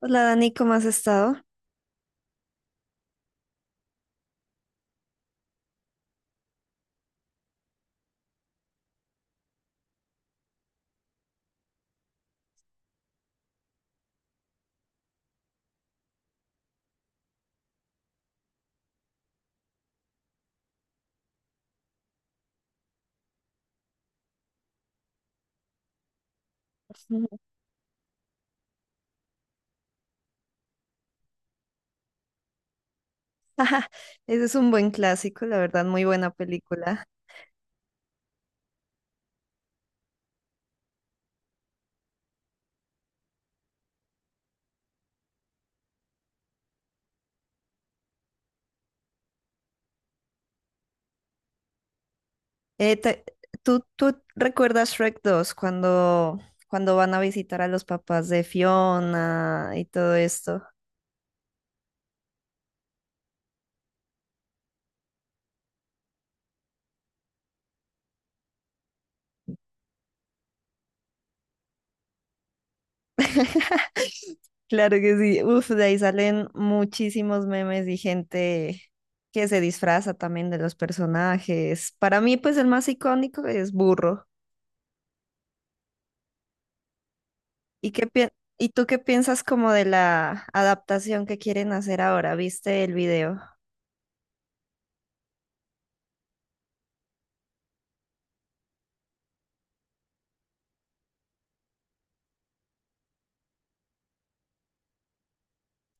Hola Dani, ¿cómo has estado? Ese es un buen clásico, la verdad, muy buena película. Eh, te- ¿¿Tú recuerdas Shrek dos cuando van a visitar a los papás de Fiona y todo esto? Claro que sí. Uf, de ahí salen muchísimos memes y gente que se disfraza también de los personajes. Para mí, pues el más icónico es Burro. ¿Y qué pi- ¿Y tú qué piensas como de la adaptación que quieren hacer ahora? ¿Viste el video?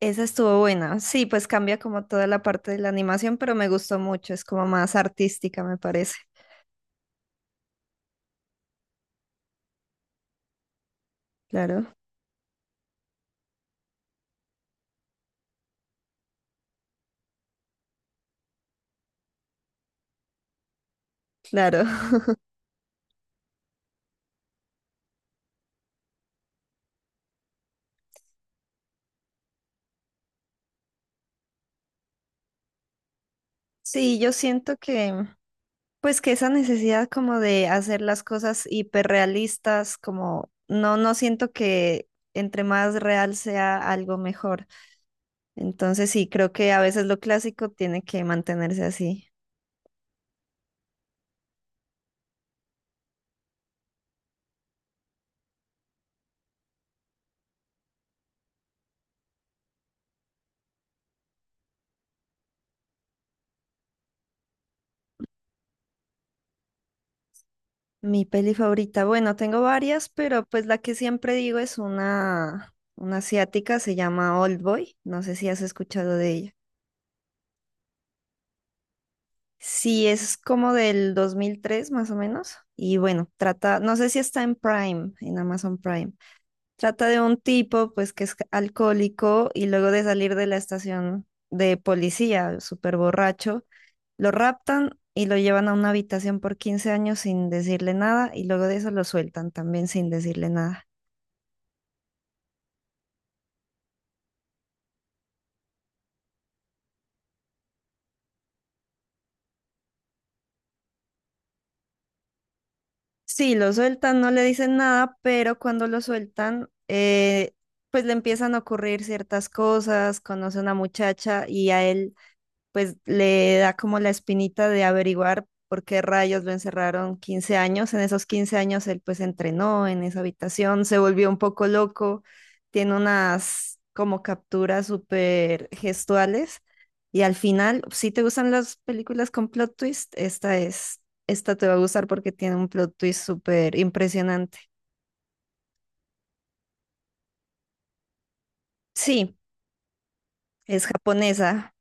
Esa estuvo buena. Sí, pues cambia como toda la parte de la animación, pero me gustó mucho. Es como más artística, me parece. Claro, claro. Sí, pues que esa necesidad como de hacer las cosas hiperrealistas, como no, no siento que entre más real sea algo mejor. Entonces sí, creo que a veces lo clásico tiene que mantenerse así. Mi peli favorita, bueno, tengo varias, pero pues la que siempre digo es una asiática, se llama Oldboy, no sé si has escuchado de ella. Sí, es como del 2003 más o menos, y bueno, trata, no sé si está en Prime, en Amazon Prime, trata de un tipo pues que es alcohólico y luego de salir de la estación de policía, súper borracho, lo raptan y lo llevan a una habitación por 15 años sin decirle nada y luego de eso lo sueltan también sin decirle nada. Sí, lo sueltan, no le dicen nada, pero cuando lo sueltan, pues le empiezan a ocurrir ciertas cosas, conoce a una muchacha y a él pues le da como la espinita de averiguar por qué rayos lo encerraron 15 años. En esos 15 años él pues entrenó en esa habitación, se volvió un poco loco, tiene unas como capturas súper gestuales y al final, si te gustan las películas con plot twist, esta te va a gustar porque tiene un plot twist súper impresionante. Sí, es japonesa.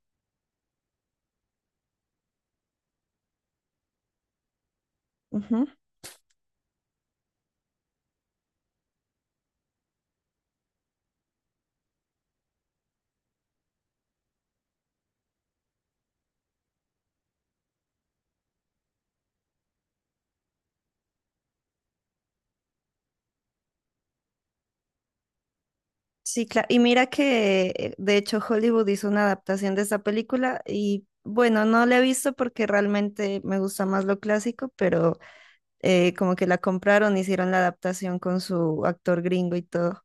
Sí, claro. Y mira que de hecho Hollywood hizo una adaptación de esa película y bueno, no la he visto porque realmente me gusta más lo clásico, pero como que la compraron, hicieron la adaptación con su actor gringo y todo.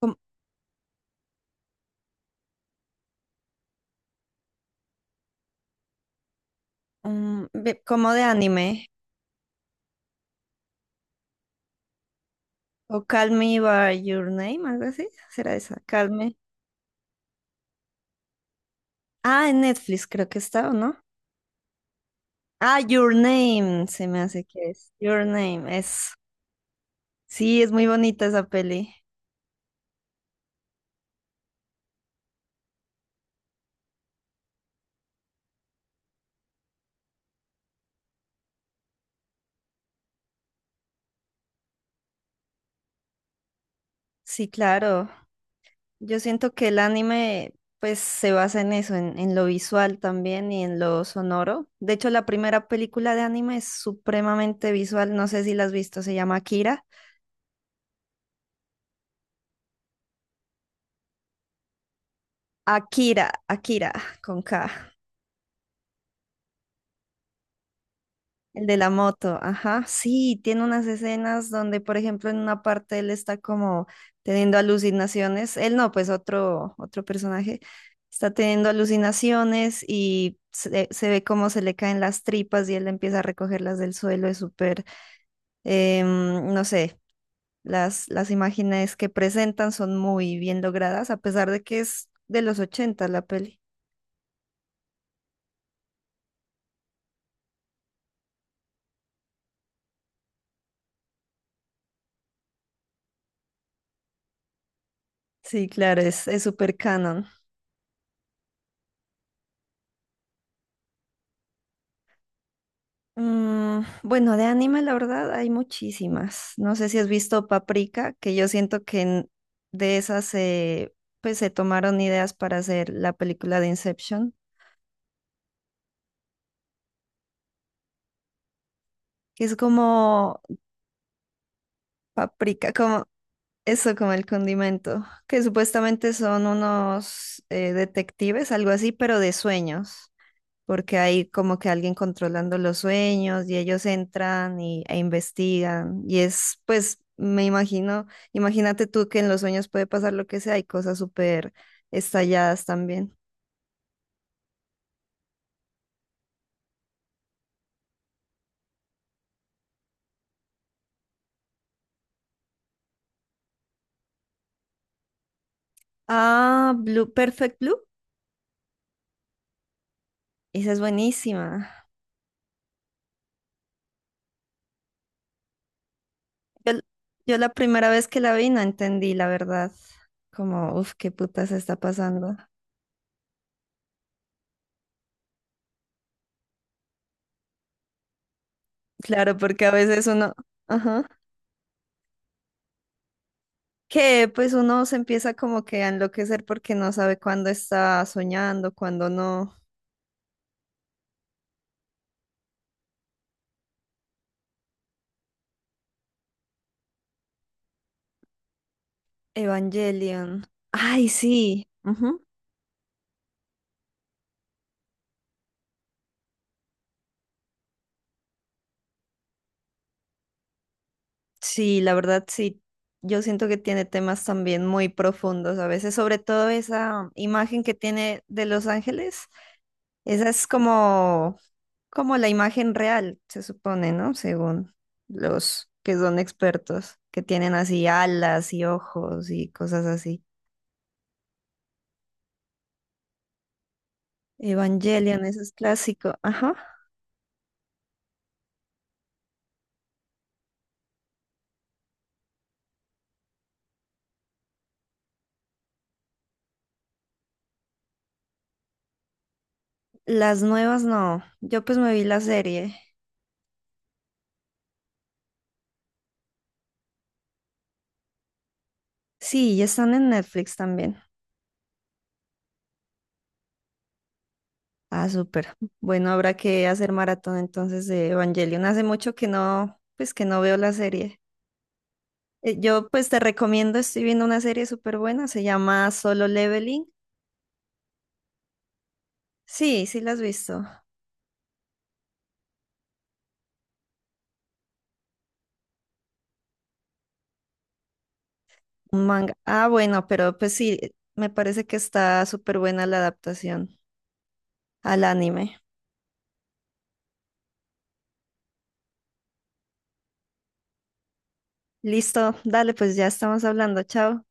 Com- Como, de anime. O Call Me by Your Name, algo así. ¿Será esa? Calme. Ah, en Netflix creo que está, ¿o no? Ah, Your Name, se me hace que es. Your Name, es. Sí, es muy bonita esa peli. Sí, claro. Yo siento que el anime pues se basa en eso, en lo visual también y en lo sonoro. De hecho, la primera película de anime es supremamente visual, no sé si la has visto, se llama Akira. Akira, con K, el de la moto, ajá. Sí, tiene unas escenas donde, por ejemplo, en una parte él está como teniendo alucinaciones, él no, pues otro personaje está teniendo alucinaciones y se ve cómo se le caen las tripas y él empieza a recogerlas del suelo, es súper em, no sé, las imágenes que presentan son muy bien logradas, a pesar de que es de los 80 la peli. Sí, claro, es súper canon. Mm, bueno, de anime, la verdad, hay muchísimas. No sé si has visto Paprika, que yo siento que de esas se, pues, se tomaron ideas para hacer la película de Inception, que es como Paprika, como eso, como el condimento, que supuestamente son unos detectives, algo así, pero de sueños, porque hay como que alguien controlando los sueños y ellos entran e investigan. Y es, pues, me imagino, imagínate tú que en los sueños puede pasar lo que sea, hay cosas súper estalladas también. Ah, Blue, Perfect Blue, esa es buenísima. Yo, l- yo la primera vez que la vi no entendí, la verdad, como, uff, qué puta se está pasando. Claro, porque a veces uno, ajá, que pues uno se empieza como que a enloquecer porque no sabe cuándo está soñando, cuándo no. Evangelion. Ay, sí. Ujú. Sí, la verdad sí. Yo siento que tiene temas también muy profundos a veces, sobre todo esa imagen que tiene de Los Ángeles. Esa es como, como la imagen real, se supone, ¿no? Según los que son expertos, que tienen así alas y ojos y cosas así. Evangelion, ese es clásico. Ajá. Las nuevas no. Yo pues me vi la serie. Sí, y están en Netflix también. Ah, súper. Bueno, habrá que hacer maratón entonces de Evangelion. Hace mucho que no, pues que no veo la serie. Yo pues te recomiendo, estoy viendo una serie súper buena, se llama Solo Leveling. Sí, sí la has visto. Un manga. Ah, bueno, pero pues sí, me parece que está súper buena la adaptación al anime. Listo, dale, pues ya estamos hablando. Chao.